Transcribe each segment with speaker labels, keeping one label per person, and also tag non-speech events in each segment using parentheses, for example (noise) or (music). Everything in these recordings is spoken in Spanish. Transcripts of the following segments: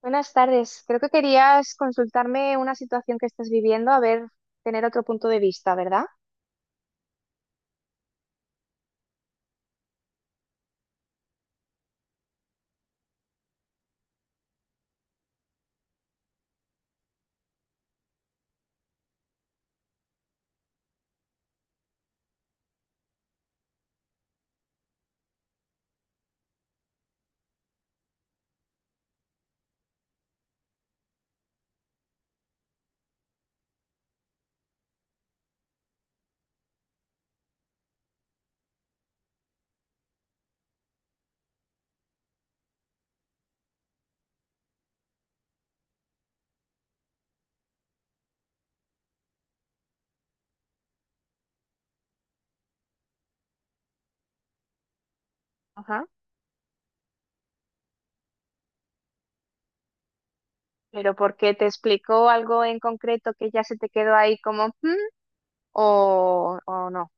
Speaker 1: Buenas tardes. Creo que querías consultarme una situación que estás viviendo, a ver, tener otro punto de vista, ¿verdad? Ajá. Pero porque te explicó algo en concreto que ya se te quedó ahí como, "Hmm", o no,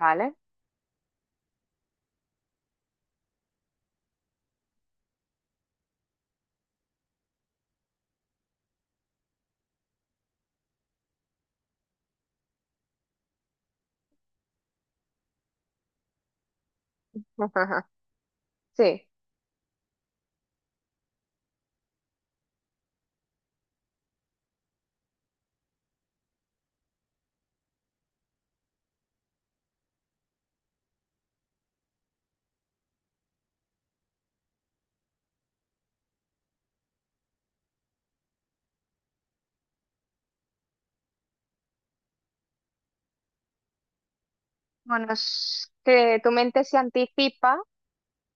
Speaker 1: ¿vale? (laughs) Sí. Bueno, es que tu mente se anticipa,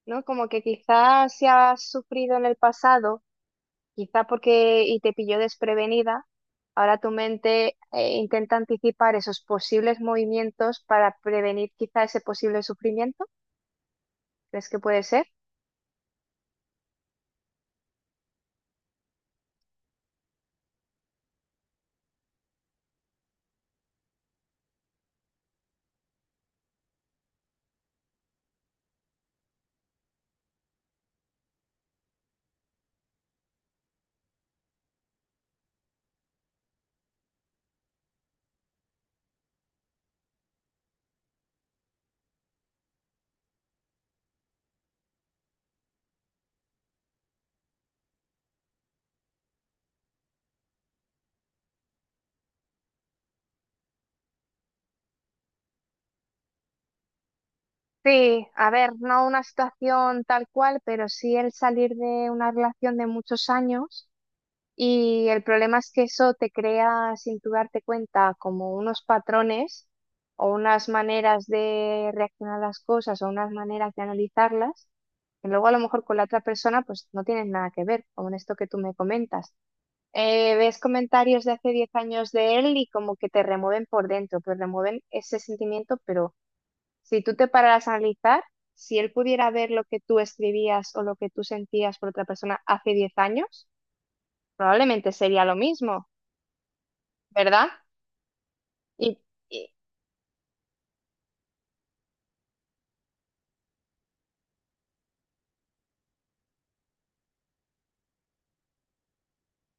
Speaker 1: ¿no? Como que quizás si has sufrido en el pasado. Quizá porque y te pilló desprevenida, ahora tu mente intenta anticipar esos posibles movimientos para prevenir quizá ese posible sufrimiento. ¿Crees que puede ser? Sí, a ver, no una situación tal cual, pero sí el salir de una relación de muchos años. Y el problema es que eso te crea, sin tú darte cuenta, como unos patrones o unas maneras de reaccionar a las cosas o unas maneras de analizarlas, que luego a lo mejor con la otra persona pues no tienes nada que ver, como en esto que tú me comentas. Ves comentarios de hace 10 años de él y como que te remueven por dentro, te remueven ese sentimiento, pero si tú te pararas a analizar, si él pudiera ver lo que tú escribías o lo que tú sentías por otra persona hace 10 años, probablemente sería lo mismo. ¿Verdad? Y, y-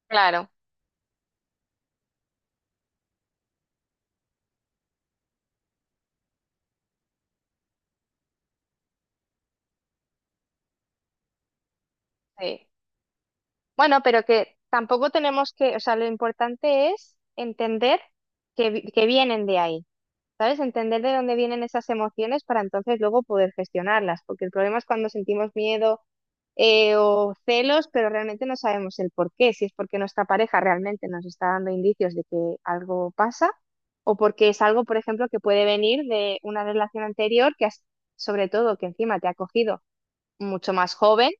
Speaker 1: claro, sí. Bueno, pero que tampoco tenemos que, o sea, lo importante es entender que, que vienen de ahí, ¿sabes? Entender de dónde vienen esas emociones para entonces luego poder gestionarlas, porque el problema es cuando sentimos miedo o celos, pero realmente no sabemos el por qué, si es porque nuestra pareja realmente nos está dando indicios de que algo pasa, o porque es algo, por ejemplo, que puede venir de una relación anterior que sobre todo que encima te ha cogido mucho más joven,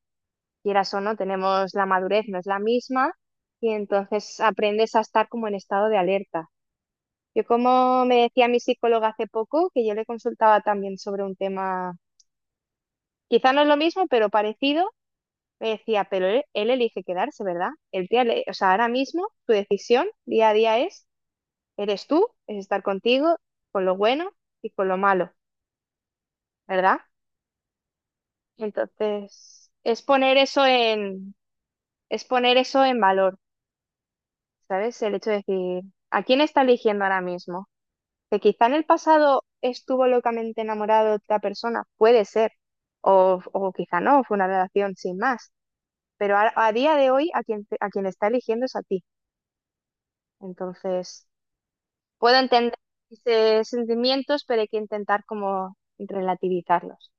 Speaker 1: quieras o no, tenemos la madurez, no es la misma, y entonces aprendes a estar como en estado de alerta. Yo como me decía mi psicóloga hace poco, que yo le consultaba también sobre un tema, quizá no es lo mismo, pero parecido, me decía, pero él elige quedarse, ¿verdad? El día, o sea, ahora mismo tu decisión día a día es, eres tú, es estar contigo, con lo bueno y con lo malo, ¿verdad? Entonces, es poner eso en valor, ¿sabes? El hecho de decir, ¿a quién está eligiendo ahora mismo? Que quizá en el pasado estuvo locamente enamorado de otra persona, puede ser, o quizá no, fue una relación sin más, pero a día de hoy a quien está eligiendo es a ti. Entonces, puedo entender esos sentimientos, pero hay que intentar como relativizarlos.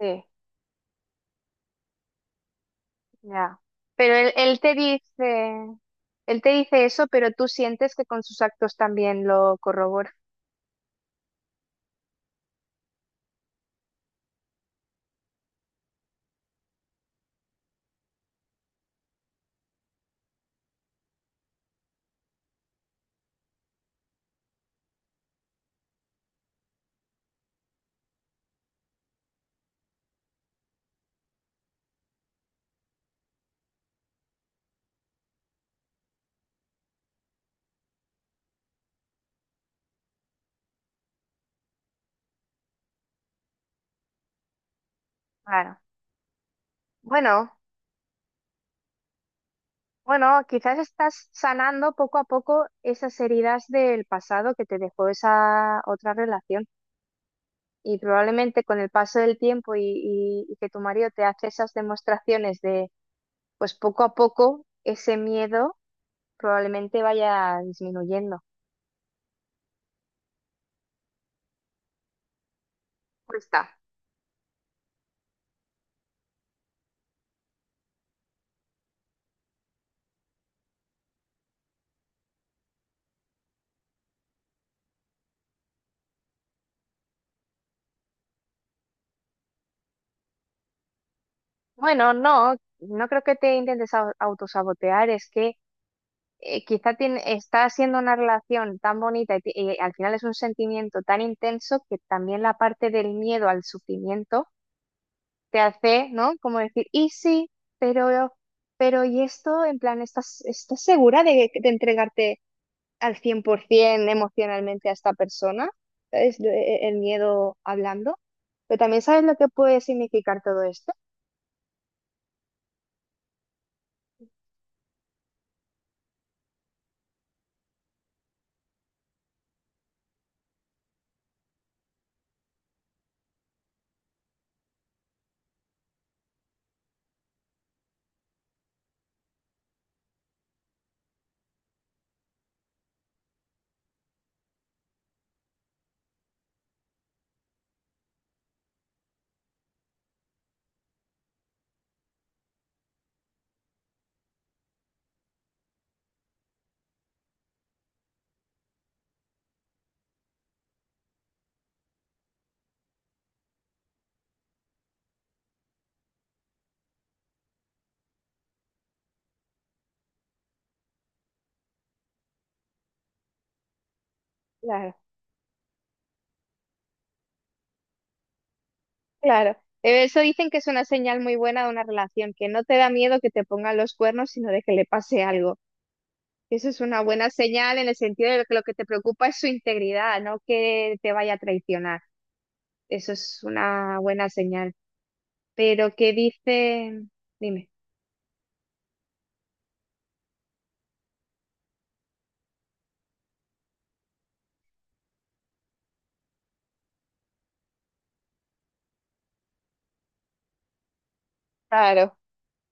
Speaker 1: Sí, ya. Pero él te dice eso, pero tú sientes que con sus actos también lo corrobora. Claro. Bueno. Bueno, quizás estás sanando poco a poco esas heridas del pasado que te dejó esa otra relación. Y probablemente con el paso del tiempo y, y que tu marido te hace esas demostraciones de, pues poco a poco, ese miedo probablemente vaya disminuyendo. Pues está. Bueno, no, no creo que te intentes autosabotear, es que quizá está siendo una relación tan bonita y, y al final es un sentimiento tan intenso que también la parte del miedo al sufrimiento te hace, ¿no? Como decir, y sí, pero, pero y esto, en plan, ¿estás, estás segura de entregarte al 100% emocionalmente a esta persona? Es el miedo hablando. Pero también sabes lo que puede significar todo esto. Claro, claro. Eso dicen que es una señal muy buena de una relación, que no te da miedo que te pongan los cuernos, sino de que le pase algo. Eso es una buena señal en el sentido de que lo que te preocupa es su integridad, no que te vaya a traicionar. Eso es una buena señal. Pero ¿qué dice? Dime. Claro.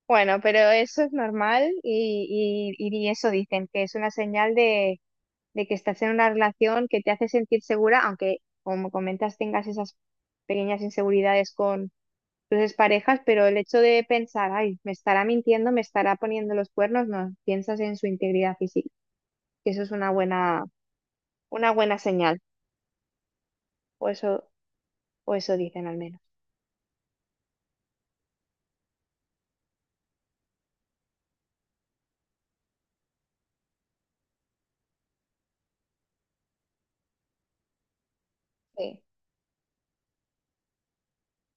Speaker 1: Bueno, pero eso es normal y eso dicen, que es una señal de que estás en una relación que te hace sentir segura, aunque como comentas tengas esas pequeñas inseguridades con tus exparejas, pero el hecho de pensar, ay, me estará mintiendo, me estará poniendo los cuernos, no, piensas en su integridad física, que eso es una buena señal, o eso, o eso dicen al menos. Sí.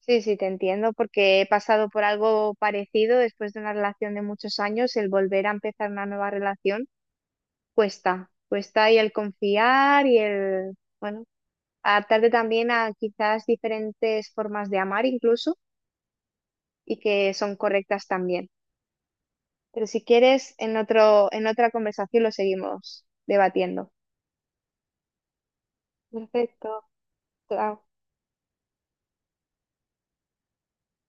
Speaker 1: Sí, sí, te entiendo, porque he pasado por algo parecido después de una relación de muchos años, el volver a empezar una nueva relación cuesta, cuesta y el confiar y el, bueno, adaptarte también a quizás diferentes formas de amar incluso y que son correctas también. Pero si quieres, en otro, en otra conversación lo seguimos debatiendo. Perfecto, chao.